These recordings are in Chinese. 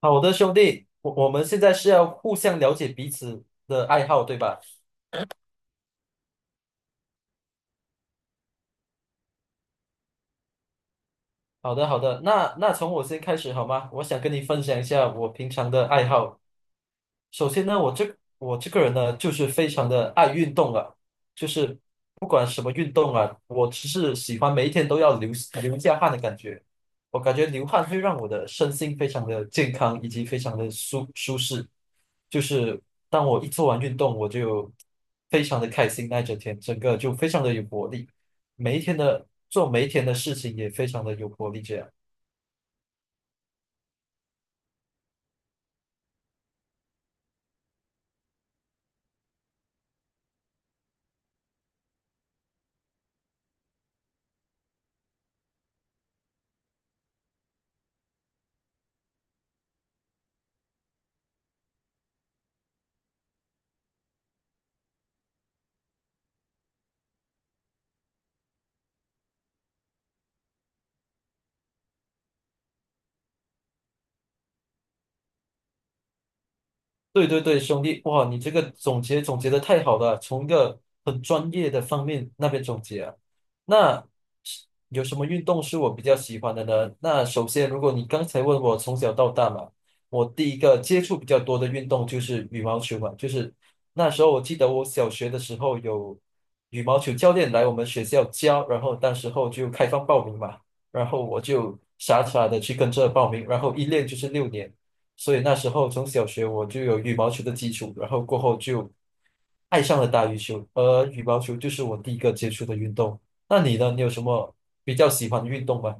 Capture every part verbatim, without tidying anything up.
好的，兄弟，我我们现在是要互相了解彼此的爱好，对吧？好的，好的，那那从我先开始好吗？我想跟你分享一下我平常的爱好。首先呢，我这我这个人呢，就是非常的爱运动啊，就是不管什么运动啊，我只是喜欢每一天都要流流一下汗的感觉。我感觉流汗会让我的身心非常的健康，以及非常的舒舒适。就是当我一做完运动，我就非常的开心，那一整天整个就非常的有活力。每一天的做每一天的事情也非常的有活力，这样。对对对，兄弟，哇，你这个总结总结的太好了，从一个很专业的方面那边总结啊。那有什么运动是我比较喜欢的呢？那首先，如果你刚才问我从小到大嘛，我第一个接触比较多的运动就是羽毛球嘛，就是那时候我记得我小学的时候有羽毛球教练来我们学校教，然后当时候就开放报名嘛，然后我就傻傻的去跟着报名，然后一练就是六年。所以那时候从小学我就有羽毛球的基础，然后过后就爱上了打羽球，而羽毛球就是我第一个接触的运动。那你呢？你有什么比较喜欢的运动吗？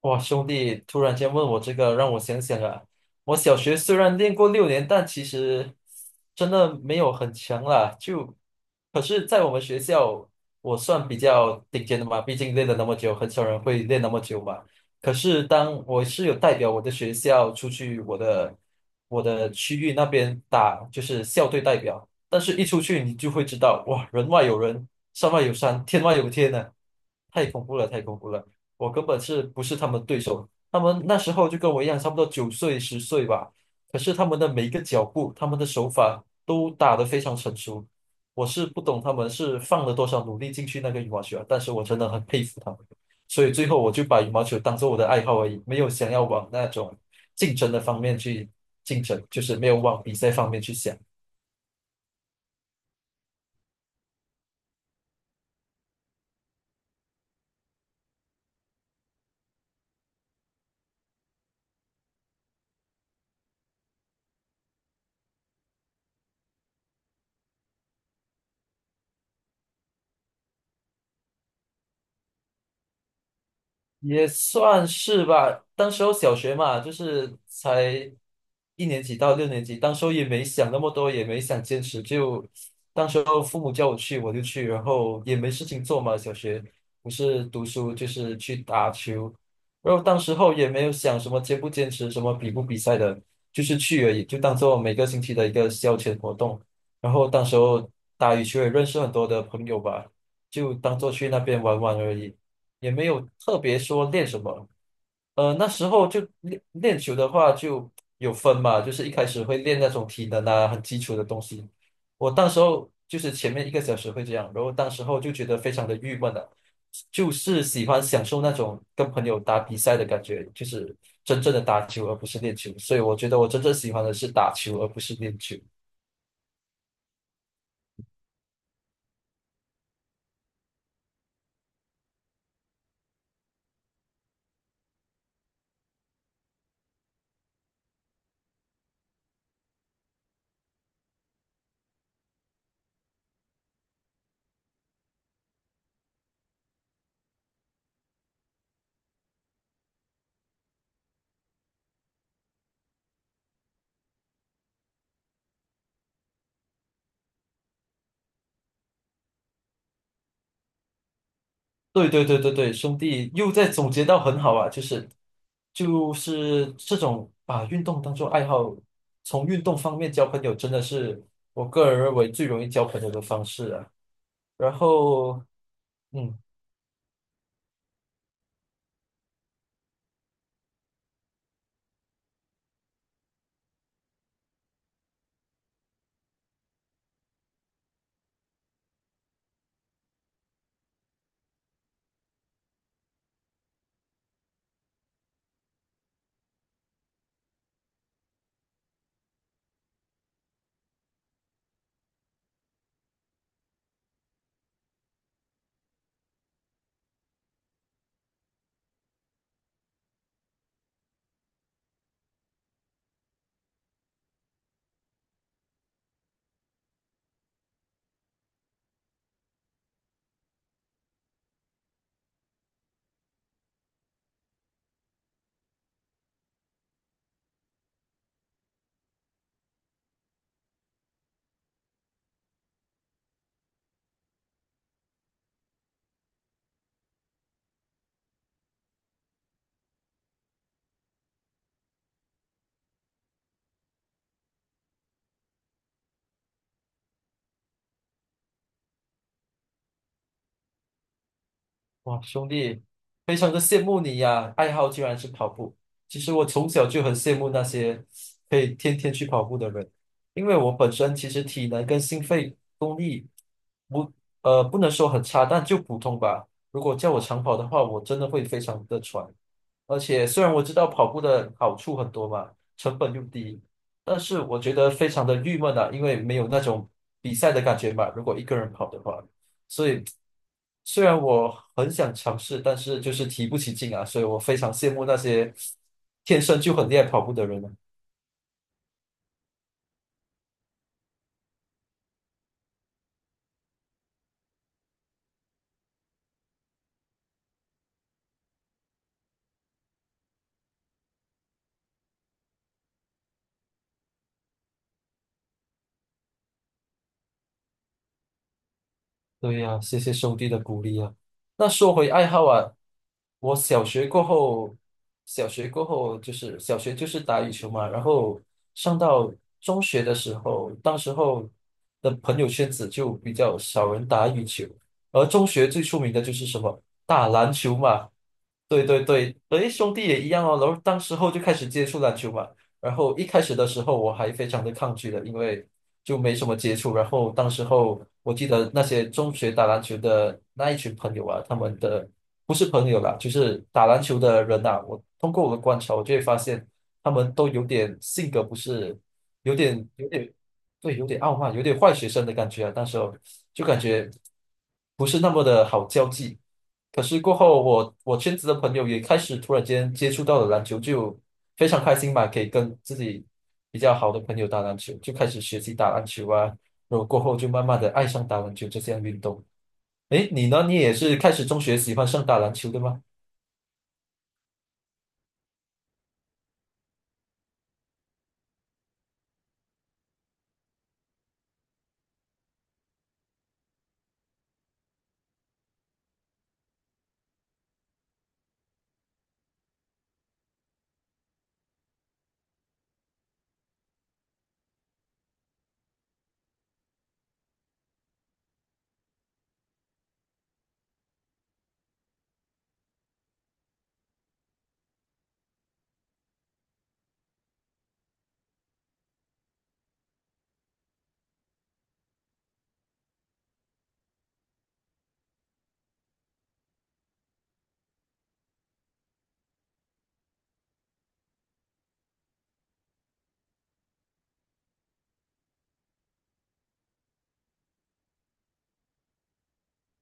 哇，兄弟，突然间问我这个，让我想想啊。我小学虽然练过六年，但其实真的没有很强啦。就，可是，在我们学校，我算比较顶尖的嘛，毕竟练了那么久，很少人会练那么久嘛。可是，当我是有代表我的学校出去，我的我的区域那边打，就是校队代表。但是，一出去你就会知道，哇，人外有人，山外有山，天外有天呢、太恐怖了，太恐怖了。我根本是不是他们对手。他们那时候就跟我一样，差不多九岁、十岁吧。可是他们的每一个脚步、他们的手法都打得非常成熟。我是不懂他们是放了多少努力进去那个羽毛球啊但是我真的很佩服他们。所以最后我就把羽毛球当做我的爱好而已，没有想要往那种竞争的方面去竞争，就是没有往比赛方面去想。也算是吧。当时候小学嘛，就是才一年级到六年级，当时候也没想那么多，也没想坚持，就当时候父母叫我去我就去，然后也没事情做嘛。小学不是读书就是去打球，然后当时候也没有想什么坚不坚持，什么比不比赛的，就是去而已，就当做每个星期的一个消遣活动。然后当时候打羽球也认识很多的朋友吧，就当做去那边玩玩而已。也没有特别说练什么。呃，那时候就练练球的话就有分嘛，就是一开始会练那种体能啊，很基础的东西。我当时候就是前面一个小时会这样，然后当时候就觉得非常的郁闷了，就是喜欢享受那种跟朋友打比赛的感觉，就是真正的打球而不是练球。所以我觉得我真正喜欢的是打球而不是练球。对对对对对，兄弟又在总结到很好啊，就是就是这种把运动当做爱好，从运动方面交朋友，真的是我个人认为最容易交朋友的方式啊。然后，嗯，哇，兄弟，非常的羡慕你呀，爱好居然是跑步。其实我从小就很羡慕那些可以天天去跑步的人，因为我本身其实体能跟心肺。力。功力不，呃，不能说很差，但就普通吧。如果叫我长跑的话，我真的会非常的喘。而且虽然我知道跑步的好处很多嘛，成本又低，但是我觉得非常的郁闷啊，因为没有那种比赛的感觉嘛。如果一个人跑的话，所以虽然我很想尝试，但是就是提不起劲啊，所以我非常羡慕那些天生就很厉害跑步的人啊。对呀，谢谢兄弟的鼓励啊。那说回爱好啊，我小学过后，小学过后就是小学就是打羽球嘛，然后上到中学的时候，当时候的朋友圈子就比较少人打羽球，而中学最出名的就是什么打篮球嘛，对对对，诶，兄弟也一样哦。然后当时候就开始接触篮球嘛，然后一开始的时候我还非常的抗拒的，因为就没什么接触。然后当时候我记得那些中学打篮球的那一群朋友啊，他们的不是朋友啦，就是打篮球的人呐、我通过我的观察，我就会发现他们都有点性格不是，有点有点对，有点傲慢，有点坏学生的感觉啊。那时候就感觉不是那么的好交际。可是过后我我圈子的朋友也开始突然间接触到了篮球，就非常开心嘛，可以跟自己比较好的朋友打篮球，就开始学习打篮球啊，然后过后就慢慢的爱上打篮球这项运动。诶，你呢？你也是开始中学喜欢上打篮球的吗？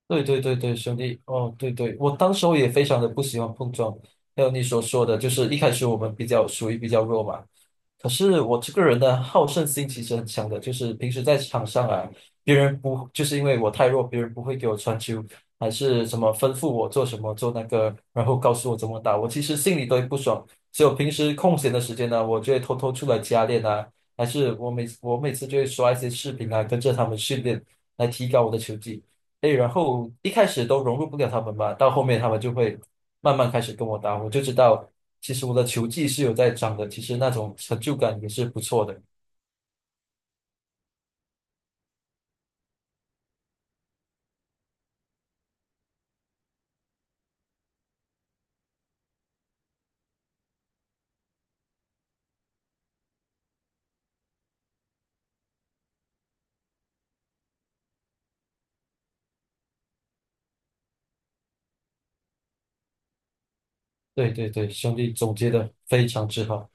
对对对对，兄弟，哦，对对，我当时候也非常的不喜欢碰撞，还有你所说的，就是一开始我们比较属于比较弱嘛，可是我这个人的好胜心其实很强的，就是平时在场上啊，别人不就是因为我太弱，别人不会给我传球，还是什么吩咐我做什么做那个，然后告诉我怎么打，我其实心里都会不爽。所以我平时空闲的时间呢，我就会偷偷出来加练啊，还是我每我每次就会刷一些视频啊，跟着他们训练来提高我的球技。哎，然后一开始都融入不了他们吧，到后面他们就会慢慢开始跟我打，我就知道其实我的球技是有在长的，其实那种成就感也是不错的。对对对，兄弟总结的非常之好。